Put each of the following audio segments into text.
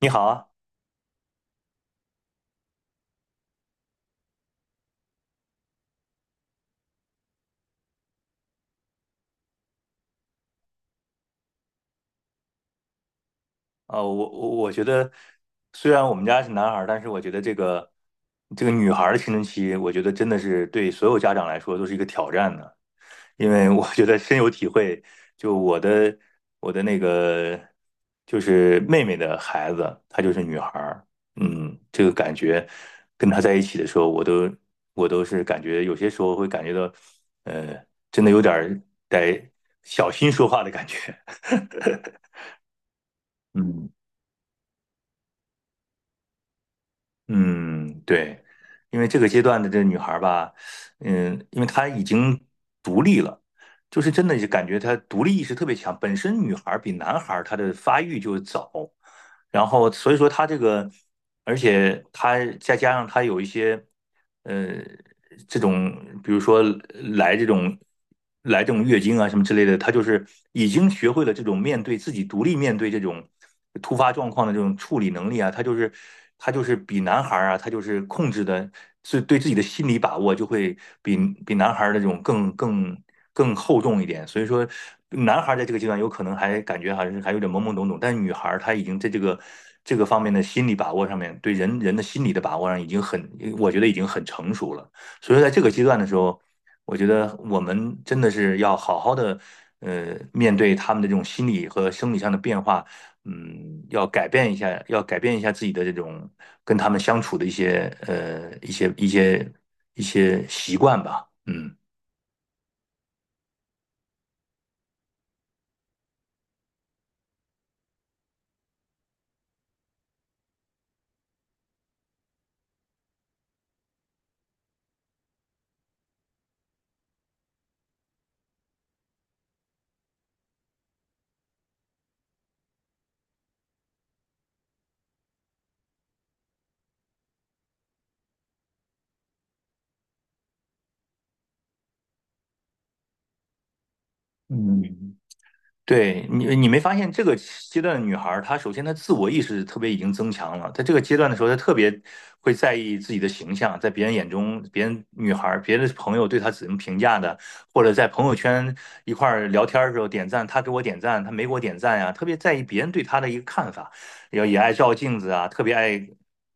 你好啊，我觉得，虽然我们家是男孩儿，但是我觉得这个女孩儿的青春期，我觉得真的是对所有家长来说都是一个挑战的，因为我觉得深有体会。就我的我的那个就是妹妹的孩子，她就是女孩儿。这个感觉跟她在一起的时候，我都是感觉有些时候会感觉到，呃，真的有点儿得小心说话的感觉。嗯。嗯，对，因为这个阶段的这女孩儿吧，因为她已经独立了，就是真的就感觉她独立意识特别强。本身女孩儿比男孩儿她的发育就早，然后所以说她这个，而且她再加上她有一些。呃，这种比如说来这种来这种月经啊什么之类的，他就是已经学会了这种面对自己独立面对这种突发状况的这种处理能力啊，他就是比男孩儿啊，他就是控制的是对自己的心理把握就会比男孩儿的这种更厚重一点，所以说男孩儿在这个阶段有可能还感觉还是还有点懵懵懂懂，但是女孩儿她已经在这个方面的心理把握上面，对人人的心理的把握上已经很，我觉得已经很成熟了。所以说在这个阶段的时候，我觉得我们真的是要好好的面对他们的这种心理和生理上的变化。要改变一下自己的这种跟他们相处的一些习惯吧。嗯。嗯。对，你没发现这个阶段的女孩儿，她首先她自我意识特别已经增强了。在这个阶段的时候，她特别会在意自己的形象，在别人眼中，别人女孩儿、别的朋友对她怎么评价的，或者在朋友圈一块儿聊天儿的时候点赞，她给我点赞，她没给我点赞呀，特别在意别人对她的一个看法。然后也爱照镜子啊，特别爱。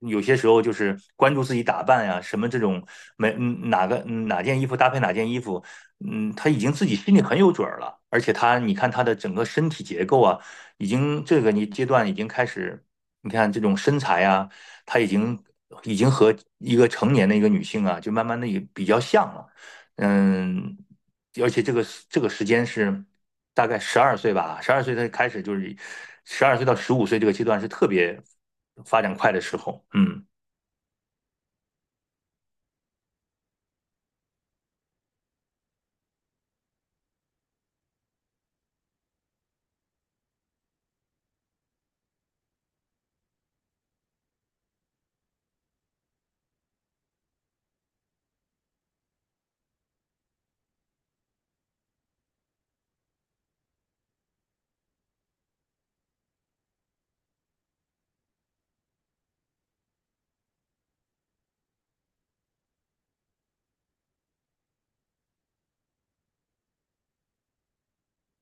有些时候就是关注自己打扮呀，什么这种没嗯哪个嗯哪件衣服搭配哪件衣服。他已经自己心里很有准儿了，而且他，你看他的整个身体结构啊，已经这个你阶段已经开始，你看这种身材啊，他已经和一个成年的一个女性啊，就慢慢的也比较像了。嗯，而且这个这个时间是大概十二岁吧，十二岁他开始就是十二岁到15岁这个阶段是特别发展快的时候。嗯。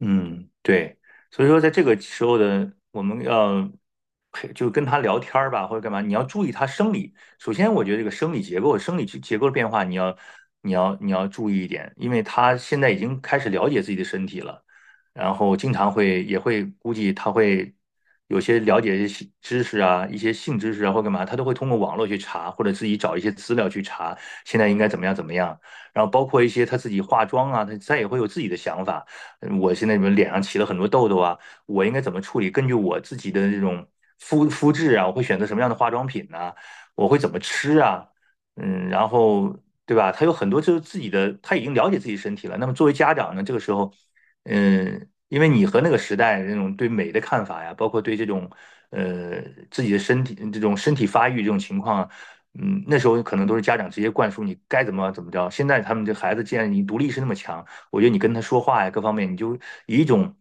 嗯，对，所以说在这个时候的我们要陪，就跟他聊天儿吧，或者干嘛，你要注意他生理。首先，我觉得这个生理结构、生理结构的变化，你要注意一点，因为他现在已经开始了解自己的身体了，然后经常会也会估计他会有些了解一些知识啊，一些性知识啊或干嘛，他都会通过网络去查，或者自己找一些资料去查，现在应该怎么样怎么样。然后包括一些他自己化妆啊，他也会有自己的想法。我现在你们脸上起了很多痘痘啊，我应该怎么处理？根据我自己的这种肤质啊，我会选择什么样的化妆品呢、我会怎么吃啊？然后对吧？他有很多就是自己的，他已经了解自己身体了。那么作为家长呢，这个时候，因为你和那个时代那种对美的看法呀，包括对这种呃自己的身体这种身体发育这种情况啊。那时候可能都是家长直接灌输你该怎么怎么着。现在他们这孩子既然你独立意识那么强，我觉得你跟他说话呀，各方面，你就以一种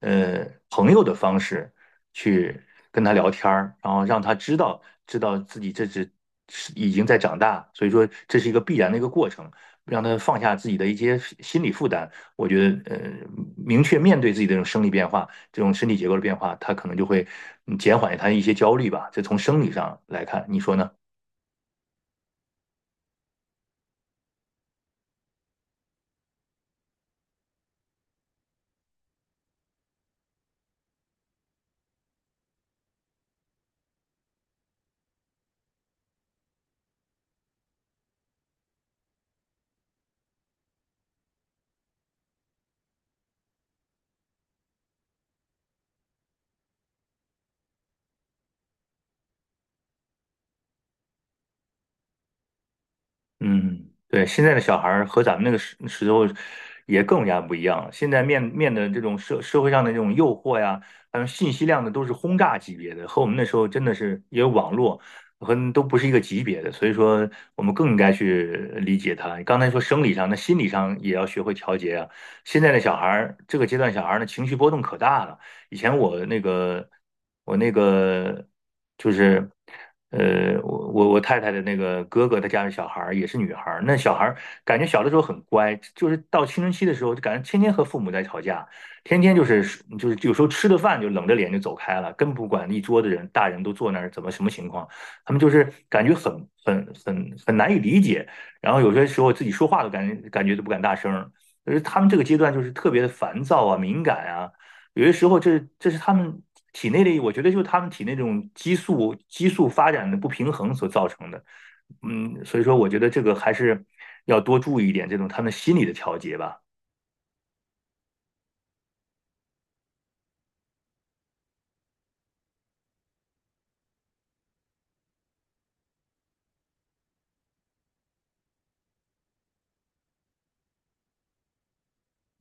呃朋友的方式去跟他聊天儿，然后让他知道知道自己这只是已经在长大，所以说这是一个必然的一个过程，让他放下自己的一些心理负担。我觉得明确面对自己的这种生理变化、这种身体结构的变化，他可能就会减缓他一些焦虑吧。这从生理上来看，你说呢？嗯，对，现在的小孩儿和咱们那个时候也更加不一样了。现在面的这种社会上的这种诱惑呀，还有信息量的都是轰炸级别的，和我们那时候真的是也有网络和都不是一个级别的。所以说，我们更应该去理解他。刚才说生理上，那心理上也要学会调节啊。现在的小孩儿，这个阶段小孩儿的情绪波动可大了。以前我那个。就是我太太的那个哥哥，他家的小孩儿也是女孩儿，那小孩儿感觉小的时候很乖，就是到青春期的时候，就感觉天天和父母在吵架，天天就是有时候吃的饭就冷着脸就走开了，根本不管一桌子人，大人都坐那儿，怎么什么情况，他们就是感觉很难以理解。然后有些时候自己说话都感觉都不敢大声儿，就是他们这个阶段就是特别的烦躁啊、敏感啊。有些时候这是他们体内的，我觉得就是他们体内这种激素发展的不平衡所造成的。所以说我觉得这个还是要多注意一点这种他们心理的调节吧。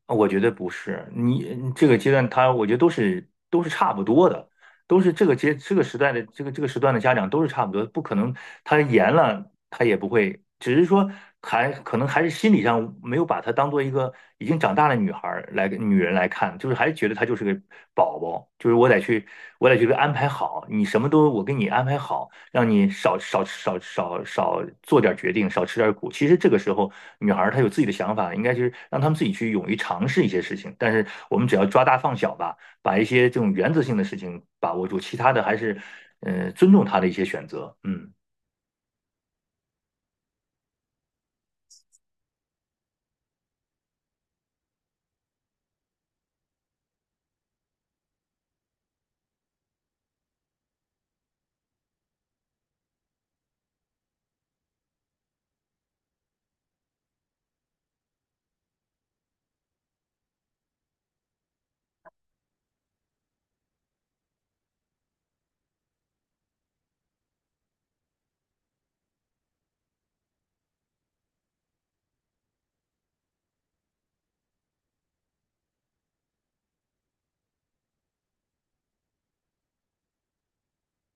我觉得不是，你你这个阶段他，我觉得都是差不多的，都是这个阶这个时代的这个时段的家长都是差不多，不可能他严了他也不会，只是说还可能还是心理上没有把她当做一个已经长大的女孩儿来女人来看，就是还觉得她就是个宝宝，就是我得去给她安排好，你什么都我给你安排好，让你少做点决定，少吃点苦。其实这个时候，女孩儿她有自己的想法，应该就是让她们自己去勇于尝试一些事情。但是我们只要抓大放小吧，把一些这种原则性的事情把握住，其他的还是，尊重她的一些选择。嗯。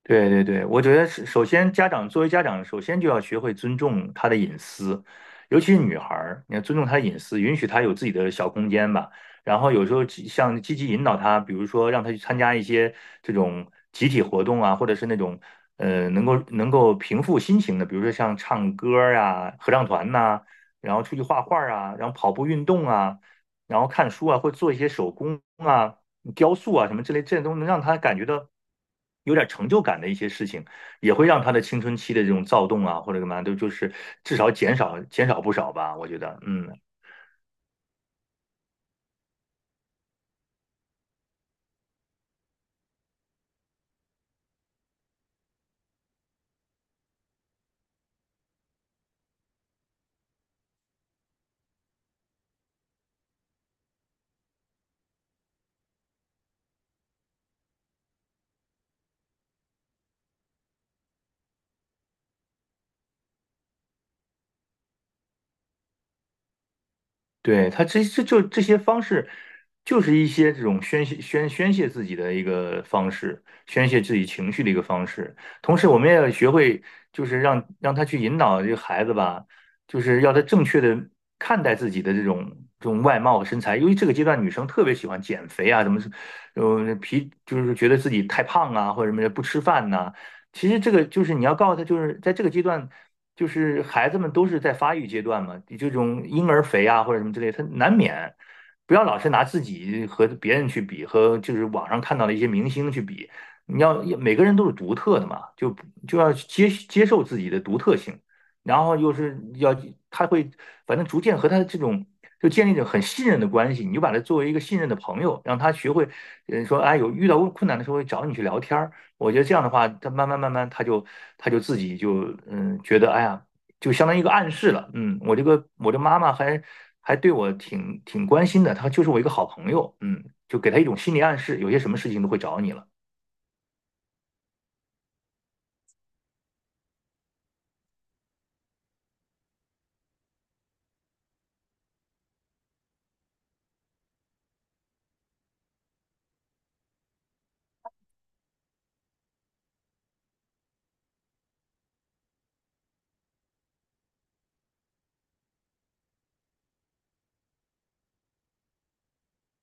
对对对，我觉得是首先家长作为家长，首先就要学会尊重她的隐私，尤其是女孩儿，你要尊重她的隐私，允许她有自己的小空间吧。然后有时候积极引导她，比如说让她去参加一些这种集体活动啊，或者是那种能够平复心情的，比如说像唱歌儿啊、合唱团呐、然后出去画画儿啊，然后跑步运动啊，然后看书啊，或者做一些手工啊。雕塑啊什么之类，这些种能让他感觉到有点成就感的一些事情，也会让他的青春期的这种躁动啊或者干嘛都就是至少减少不少吧，我觉得。嗯，对，他这就这些方式，就是一些这种宣泄自己的一个方式，宣泄自己情绪的一个方式。同时，我们也要学会，就是让他去引导这个孩子吧，就是要他正确的看待自己的这种外貌和身材。由于这个阶段女生特别喜欢减肥啊，什么是，皮就是觉得自己太胖啊，或者什么不吃饭呐、其实这个就是你要告诉他，就是在这个阶段，就是孩子们都是在发育阶段嘛，这种婴儿肥啊或者什么之类，他难免不要老是拿自己和别人去比，和就是网上看到的一些明星去比。你要每个人都是独特的嘛，就要接受自己的独特性，然后又是要他会反正逐渐和他这种就建立一种很信任的关系，你就把他作为一个信任的朋友，让他学会，说哎有遇到困难的时候会找你去聊天儿。我觉得这样的话，他慢慢，他就自己就觉得哎呀，就相当于一个暗示了。嗯，我这个我的妈妈还对我挺关心的，她就是我一个好朋友。嗯，就给她一种心理暗示，有些什么事情都会找你了。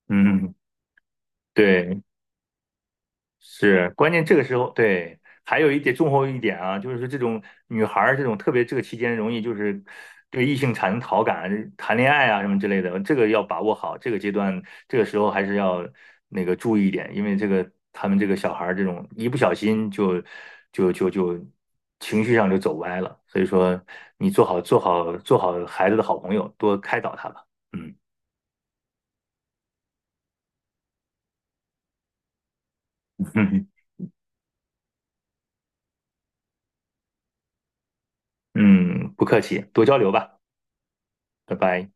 嗯，对，是，关键这个时候，对，还有一点重后一点啊，就是说这种女孩儿这种特别这个期间容易就是对异性产生好感、谈恋爱啊什么之类的，这个要把握好，这个阶段这个时候还是要那个注意一点，因为这个他们这个小孩儿这种一不小心就情绪上就走歪了，所以说你做好孩子的好朋友，多开导他吧。嗯。 嗯嗯，不客气，多交流吧，拜拜。